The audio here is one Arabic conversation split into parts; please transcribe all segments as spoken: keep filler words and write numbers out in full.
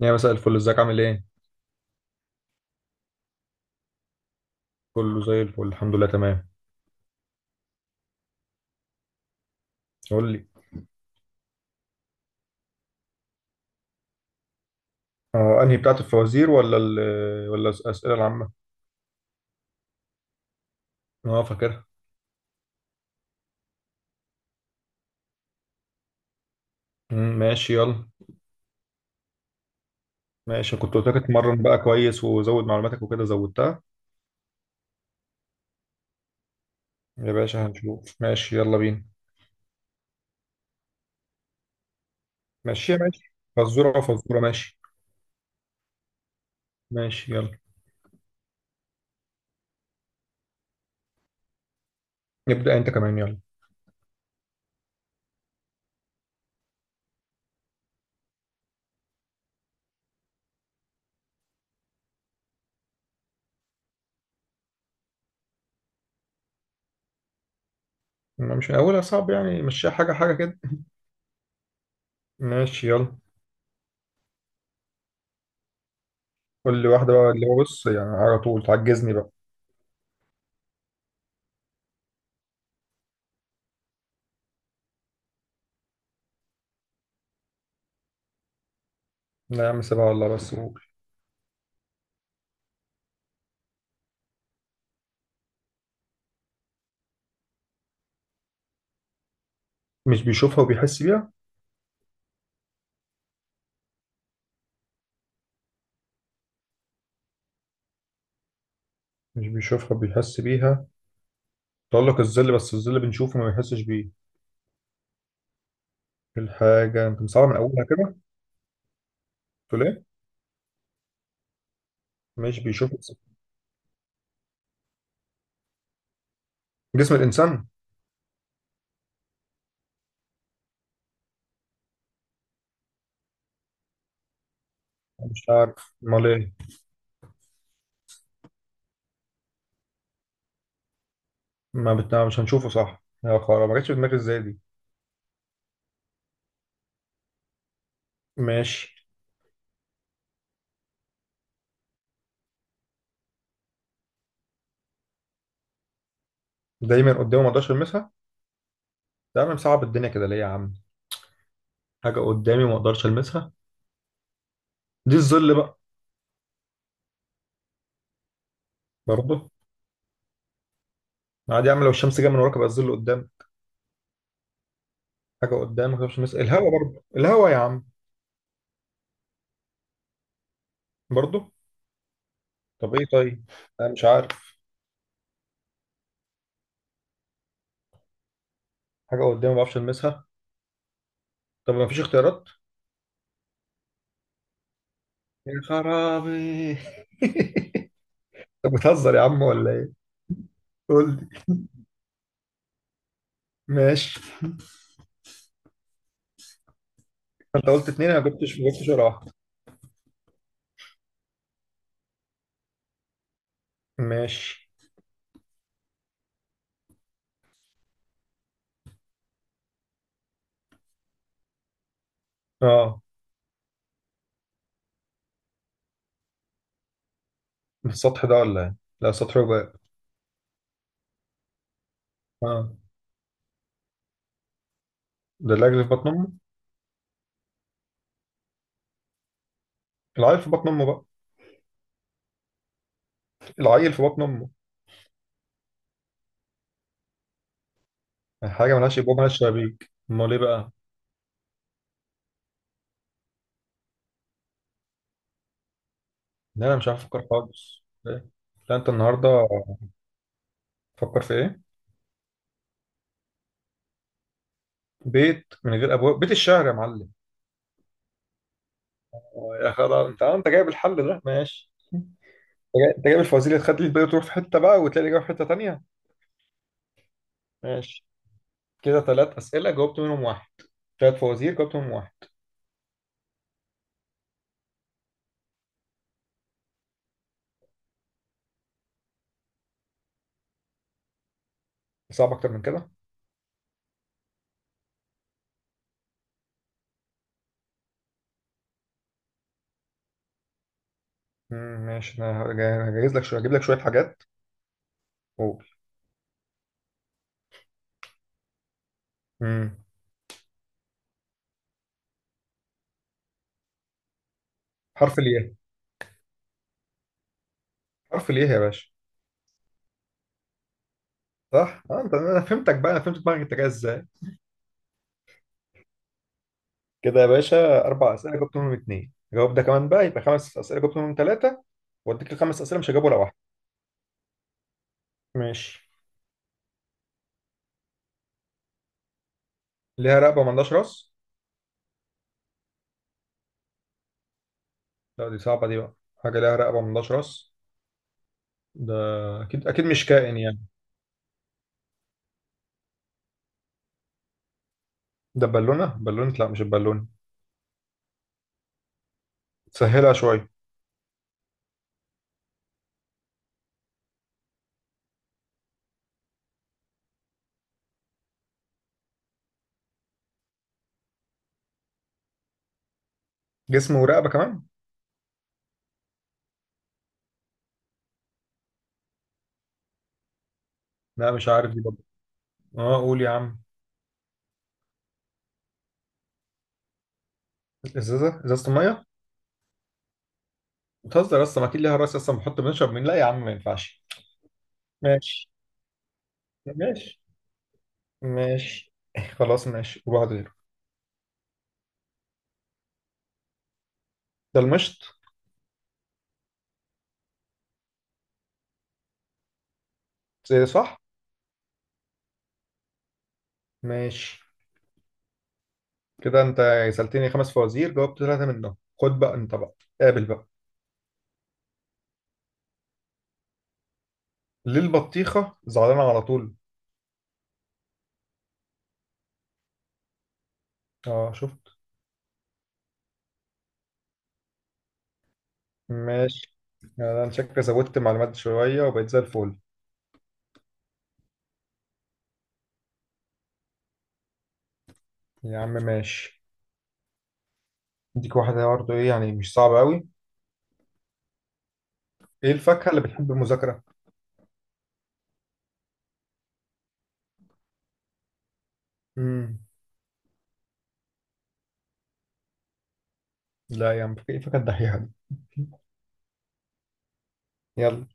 يا مساء الفل، ازيك عامل ايه؟ كله زي الفل، الحمد لله تمام. قول لي. اه، انهي بتاعت الفوازير ولا ال ولا الأسئلة العامة؟ اه فاكرها. مم، ماشي يلا. ماشي، كنت قلت لك اتمرن بقى كويس وزود معلوماتك وكده زودتها. يا باشا هنشوف، ماشي يلا بينا. ماشي ماشي، فزورة فزورة، ماشي. ماشي يلا. نبدأ انت كمان، يلا. ما مش من اولها صعب يعني، مشيها حاجة حاجة كده. ماشي يلا. قول لي واحدة بقى، اللي هو بص يعني على طول تعجزني بقى. لا يا عم سيبها والله، بس قول. مش بيشوفها وبيحس بيها. مش بيشوفها بيحس بيها. تقول لك الظل، بس الظل بنشوفه ما بيحسش بيه. الحاجة انت مصعبة من أولها كده. تقول إيه؟ مش بيشوف. جسم الإنسان. مش عارف أمال إيه. ما بتنا... مش هنشوفه، صح يا خرا، ما جاتش في دماغي إزاي دي. ماشي. دايما قدامي ما أقدرش ألمسها. ده أنا مصعب الدنيا كده ليه يا عم. حاجة قدامي ما أقدرش ألمسها. دي الظل بقى. برضه. عادي أعمل لو الشمس جاية من وراك بقى الظل قدام. حاجة قدام ما أقدرش ألمسها، الهوا برضه، الهوا يا عم. برضه. طب إيه طيب. أنا مش عارف. حاجة قدامي ما بعرفش ألمسها. طب ما فيش اختيارات. يا خرابي. طب بتهزر يا عم ولا ايه. قول لي. ماشي. انت قلت اتنين، انا ما جبتش ما جبتش ولا واحده. ماشي. اه. السطح ده ولا ايه. لا سطح وباب. اه. ده العجل في بطن امه. العيل في بطن امه بقى. العيل في بطن امه. حاجه ملهاش ابواب ملهاش شبابيك، امال ايه بقى. لا انا مش عارف افكر خالص، إيه؟ لا انت النهارده. فكر في ايه. بيت من غير ابواب، بيت الشعر يا معلم. آه، يا خرابي، انت انت جايب الحل ده، ماشي. جاي- انت جايب الفوازير اللي تخلي الباقي تروح في حته بقى وتلاقي الاجابه في حته تانيه. ماشي. كده ثلاث اسئله جاوبت منهم واحد. ثلاث فوازير جاوبت منهم واحد. صعب اكتر من كده. مم، ماشي. انا هجا- هجهز لك شويه، هجيب لك شويه حاجات. قول. مم. حرف الياء. حرف الياء يا باشا. صح. آه، انت، انا فهمتك بقى، انا فهمت دماغك انت جاي ازاي. كده يا باشا اربع اسئله جاوبت منهم اتنين، جاوب ده كمان بقى يبقى خمس اسئله جاوبت منهم ثلاثه. واديك الخمس اسئله مش هجاوب ولا واحده. ماشي. ليها رقبه ملهاش راس. لا دي صعبه دي بقى. حاجه ليها رقبه ملهاش راس. ده. اكيد اكيد مش كائن يعني. ده بالونه، بالونه لا مش البالونه. سهلها شويه. جسم ورقبه كمان. لا مش عارف دي برضه. اه قول يا عم. ازازه، ازازه الميه. بتهزر اصلا، ما اكيد ليها راس اصلا، بنحط بنشرب من، لا يا عم ما ينفعش. ماشي ماشي ماشي. خلاص ماشي وبعد غيره. ده المشط. زي صح. ماشي. كده انت سالتني خمس فوازير جاوبت ثلاثه منهم. خد بقى انت بقى. قابل بقى. ليه البطيخه زعلانه على طول. اه شفت. ماشي. يعني انا شكلي زودت معلومات شويه وبقيت زي الفل. يا عم ماشي. اديك واحده برضه، ايه يعني مش صعبه قوي. ايه الفاكهه اللي بتحب المذاكره. امم لا يا عم، ايه الفاكهه الدحيحه دي. يلا.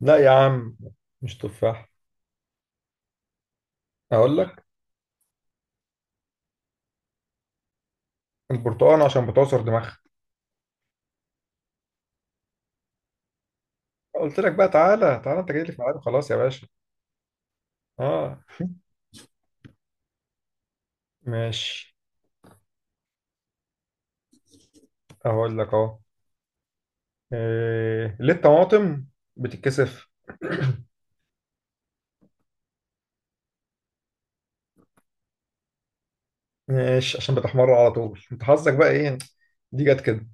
لا يا عم مش تفاح. اقول لك. البرتقال عشان بتعصر دماغها. قلت لك بقى، تعالى تعالى، انت جاي لي في ميعاد، خلاص يا باشا. اه. ماشي. اقول لك اهو. إيه ليه الطماطم بتتكسف. ماشي عشان بتحمر على طول، انت حظك بقى ايه. دي جت كده.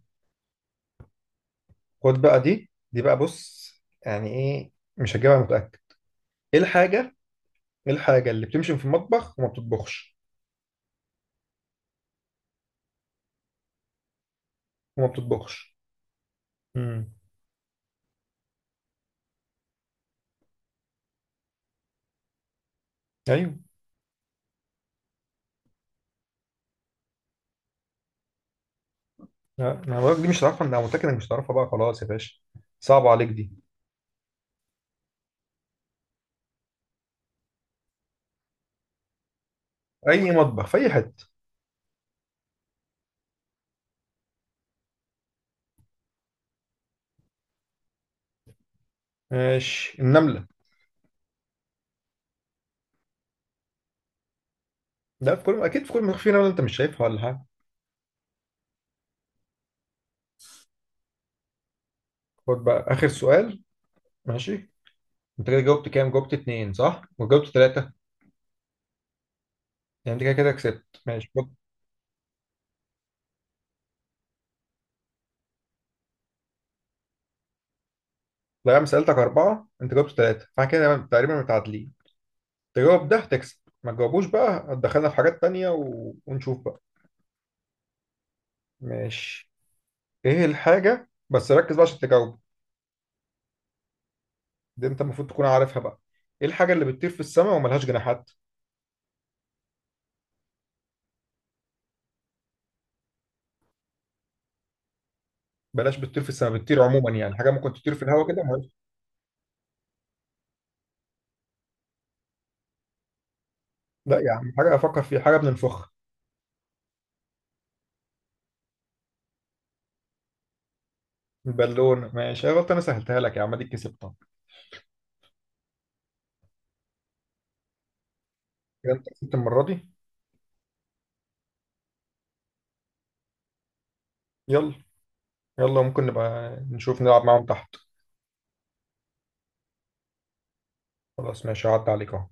خد بقى، دي دي بقى بص. يعني ايه مش هجيبها، متأكد. ايه الحاجة. ايه الحاجة اللي بتمشي في المطبخ وما بتطبخش. وما بتطبخش. امم ايوه. لا، ما بقولك دي مش هتعرفها، انا متأكد انك مش هتعرفها بقى، خلاص يا باشا. صعبة عليك دي. اي مطبخ في اي حتة. ماشي، النملة. لا في كل، اكيد في كل مطبخ في نملة، انت مش شايفها ولا حاجة. خد بقى اخر سؤال. ماشي. انت كده جاوبت كام، جاوبت اتنين صح وجاوبت ثلاثة. يعني انت كده كده كسبت، ماشي خد. لا انا سألتك أربعة، انت جاوبت ثلاثة، فاحنا كده تقريبا متعادلين. تجاوب ده هتكسب. ما تجاوبوش بقى هتدخلنا في حاجات تانية و... ونشوف بقى. ماشي. ايه الحاجة بس ركز بقى عشان تجاوب. دي انت المفروض تكون عارفها بقى. ايه الحاجة اللي بتطير في السماء وملهاش جناحات. بلاش بتطير في السماء، بتطير عموما يعني، حاجة ممكن تطير في الهواء كده ملهاش. لا يا عم، حاجة افكر فيها حاجة بننفخها. البالون ماشي، يا غلط انا سهلتها لك يا عم، دي كسبتها. كده انت كسبت المرة دي. يلا. يلا، ممكن نبقى نشوف نلعب معاهم تحت. خلاص ماشي، عدى عليك اهو.